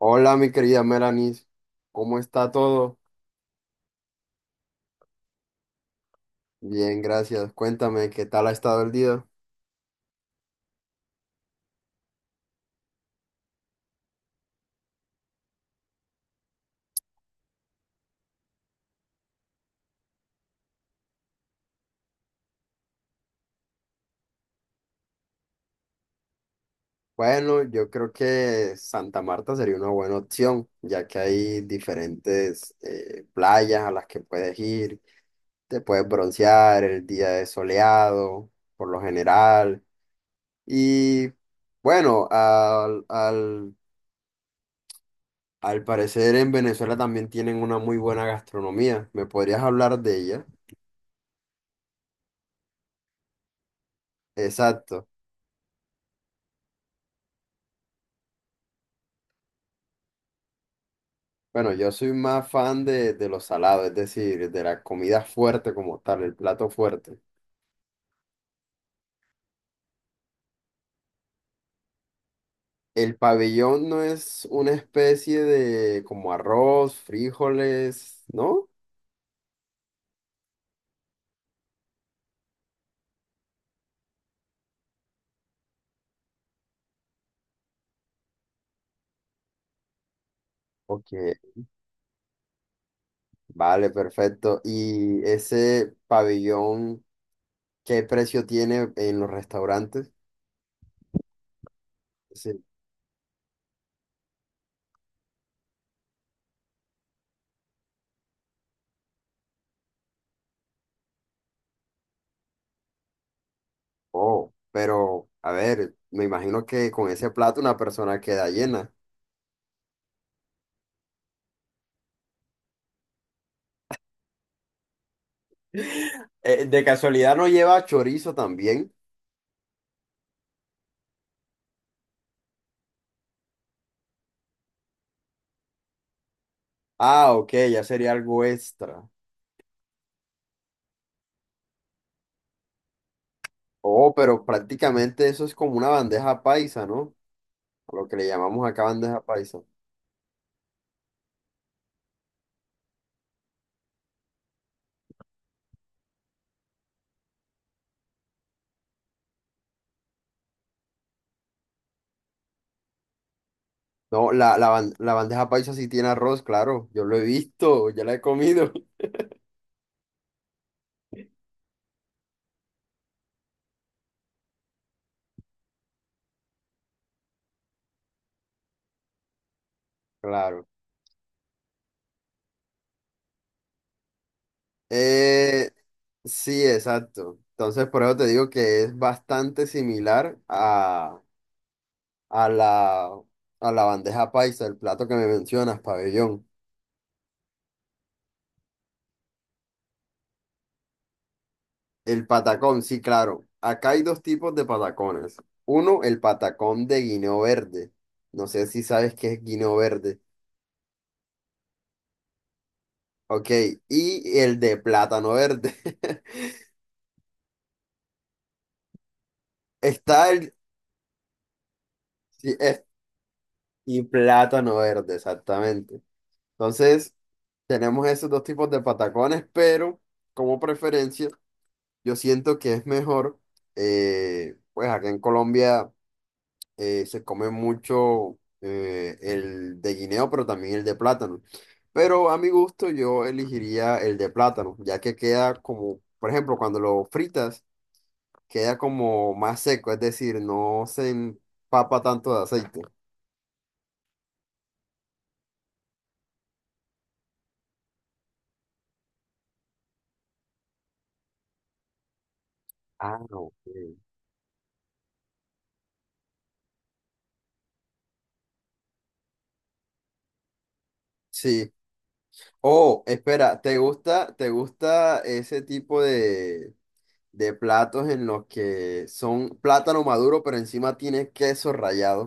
Hola, mi querida Melanis, ¿cómo está todo? Bien, gracias. Cuéntame, ¿qué tal ha estado el día? Bueno, yo creo que Santa Marta sería una buena opción, ya que hay diferentes playas a las que puedes ir, te puedes broncear, el día es soleado, por lo general. Y bueno, al parecer en Venezuela también tienen una muy buena gastronomía. ¿Me podrías hablar de ella? Exacto. Bueno, yo soy más fan de lo salado, es decir, de la comida fuerte como tal, el plato fuerte. El pabellón no es una especie de como arroz, frijoles, ¿no? Ok, vale, perfecto. ¿Y ese pabellón, qué precio tiene en los restaurantes? Sí. Oh, pero a ver, me imagino que con ese plato una persona queda llena. De casualidad no lleva chorizo también. Ah, ok, ya sería algo extra. Oh, pero prácticamente eso es como una bandeja paisa, ¿no? A lo que le llamamos acá bandeja paisa. No, la bandeja paisa sí tiene arroz, claro. Yo lo he visto, ya la he comido. Claro. Eh, sí, exacto. Entonces, por eso te digo que es bastante similar a la, a la bandeja paisa, el plato que me mencionas, pabellón. El patacón, sí, claro. Acá hay dos tipos de patacones. Uno, el patacón de guineo verde. No sé si sabes qué es guineo verde. Ok, y el de plátano verde. Está el... sí, y plátano verde, exactamente. Entonces, tenemos esos dos tipos de patacones, pero como preferencia, yo siento que es mejor, pues acá en Colombia. Se come mucho el de guineo, pero también el de plátano. Pero a mi gusto yo elegiría el de plátano, ya que queda como, por ejemplo, cuando lo fritas, queda como más seco, es decir, no se empapa tanto de aceite. Ah, ok. Sí. Oh, espera, ¿te gusta ese tipo de platos en los que son plátano maduro, pero encima tiene queso rallado?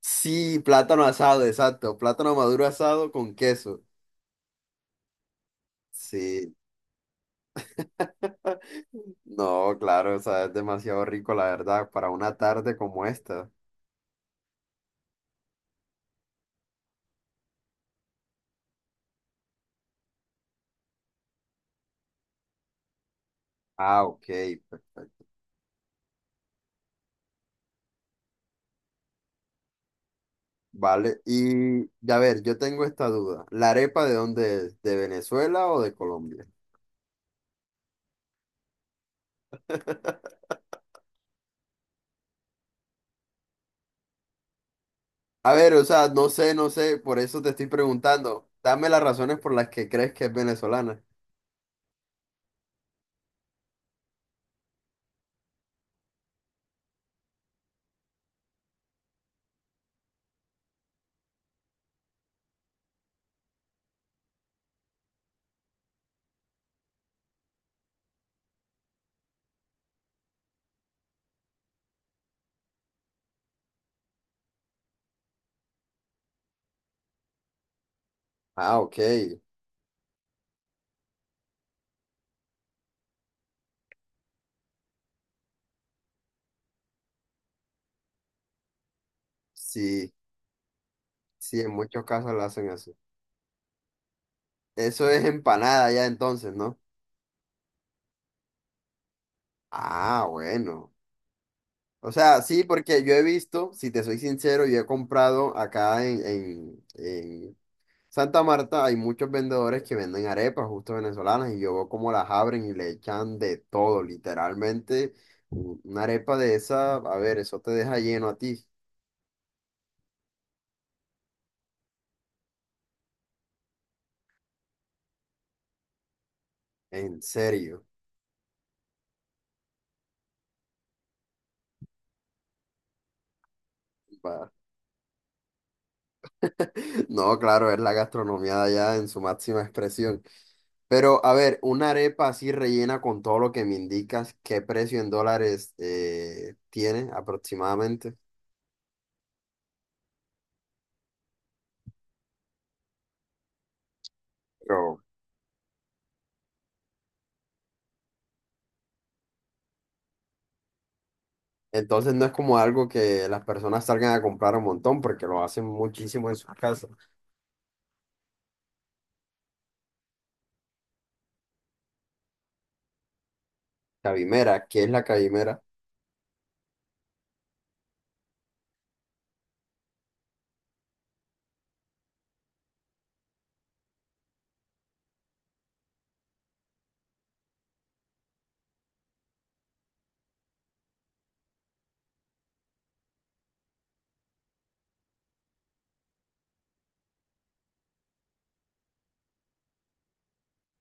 Sí, plátano asado, exacto. Plátano maduro asado con queso. Sí. No, claro, o sea, es demasiado rico, la verdad, para una tarde como esta. Ah, ok, perfecto. Vale, y a ver, yo tengo esta duda. ¿La arepa de dónde es? ¿De Venezuela o de Colombia? A ver, o sea, no sé, no sé, por eso te estoy preguntando. Dame las razones por las que crees que es venezolana. Ah, ok. Sí, sí, en muchos casos la hacen así. Eso es empanada ya entonces, ¿no? Ah, bueno. O sea, sí, porque yo he visto, si te soy sincero, yo he comprado acá en Santa Marta, hay muchos vendedores que venden arepas justo venezolanas y yo veo cómo las abren y le echan de todo, literalmente. Una arepa de esa, a ver, eso te deja lleno a ti, en serio. No, claro, es la gastronomía de allá en su máxima expresión. Pero, a ver, una arepa así rellena con todo lo que me indicas, ¿qué precio en dólares tiene aproximadamente? Pero, entonces no es como algo que las personas salgan a comprar un montón, porque lo hacen muchísimo en sus casas. Cabimera, ¿qué es la cabimera?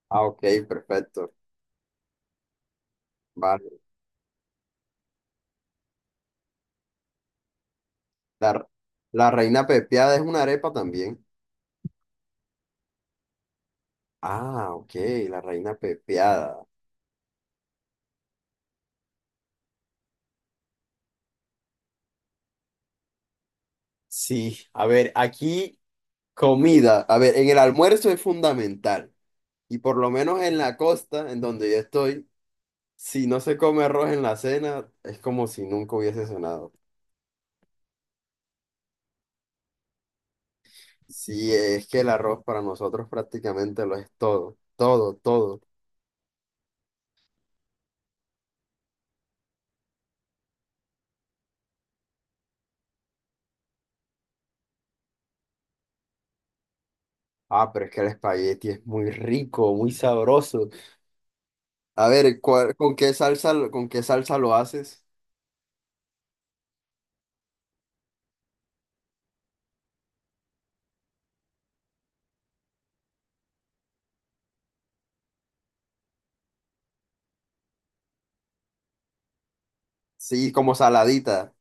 Ah, ok, perfecto. Vale. La, la reina pepiada es una arepa también. Ah, ok, la reina pepiada. Sí, a ver, aquí comida. A ver, en el almuerzo es fundamental. Y por lo menos en la costa, en donde yo estoy, si no se come arroz en la cena, es como si nunca hubiese cenado. Si es que el arroz para nosotros prácticamente lo es todo, todo, todo. Ah, pero es que el espagueti es muy rico, muy sabroso. A ver, con qué salsa lo haces? Sí, como saladita.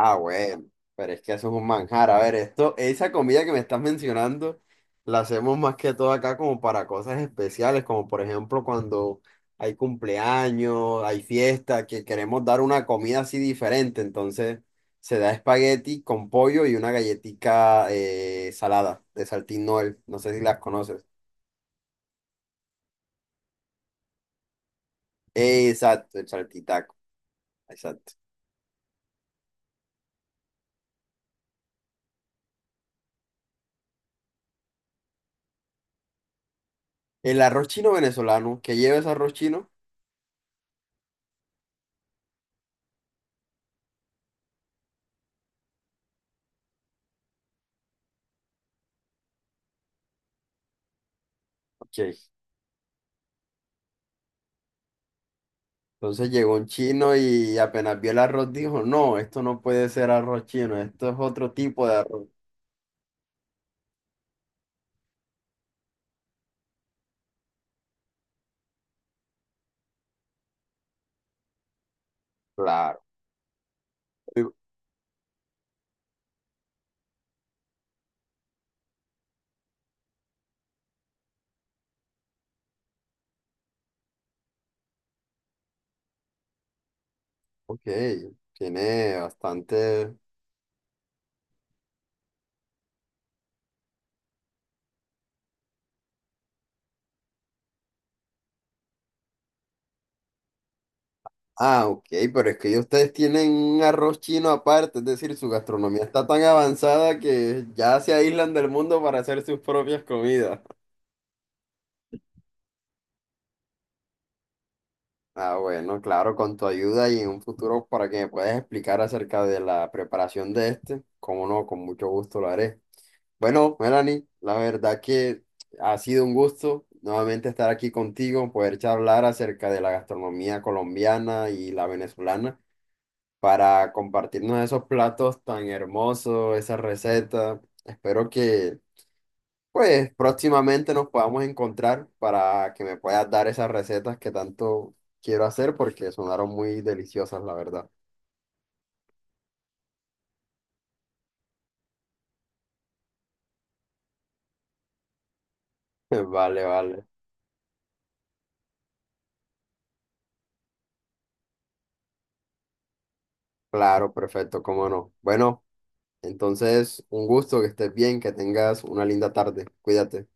Ah, bueno, pero es que eso es un manjar. A ver, esto, esa comida que me estás mencionando, la hacemos más que todo acá como para cosas especiales, como por ejemplo cuando hay cumpleaños, hay fiesta, que queremos dar una comida así diferente. Entonces se da espagueti con pollo y una galletica salada de Saltín Noel. No sé si las conoces. Exacto, el saltitaco, exacto. El arroz chino venezolano, que lleva ese arroz chino? Ok. Entonces llegó un chino y apenas vio el arroz dijo, no, esto no puede ser arroz chino, esto es otro tipo de arroz. Claro. Y- Ok, tiene bastante... Ah, ok, pero es que ustedes tienen un arroz chino aparte, es decir, su gastronomía está tan avanzada que ya se aíslan del mundo para hacer sus propias comidas. Ah, bueno, claro, con tu ayuda y en un futuro para que me puedas explicar acerca de la preparación de este, cómo no, con mucho gusto lo haré. Bueno, Melanie, la verdad que ha sido un gusto nuevamente estar aquí contigo, poder charlar acerca de la gastronomía colombiana y la venezolana para compartirnos esos platos tan hermosos, esas recetas. Espero que pues próximamente nos podamos encontrar para que me puedas dar esas recetas que tanto quiero hacer porque sonaron muy deliciosas, la verdad. Vale, vale. Claro, perfecto, cómo no. Bueno. Entonces, un gusto, que estés bien, que tengas una linda tarde. Cuídate.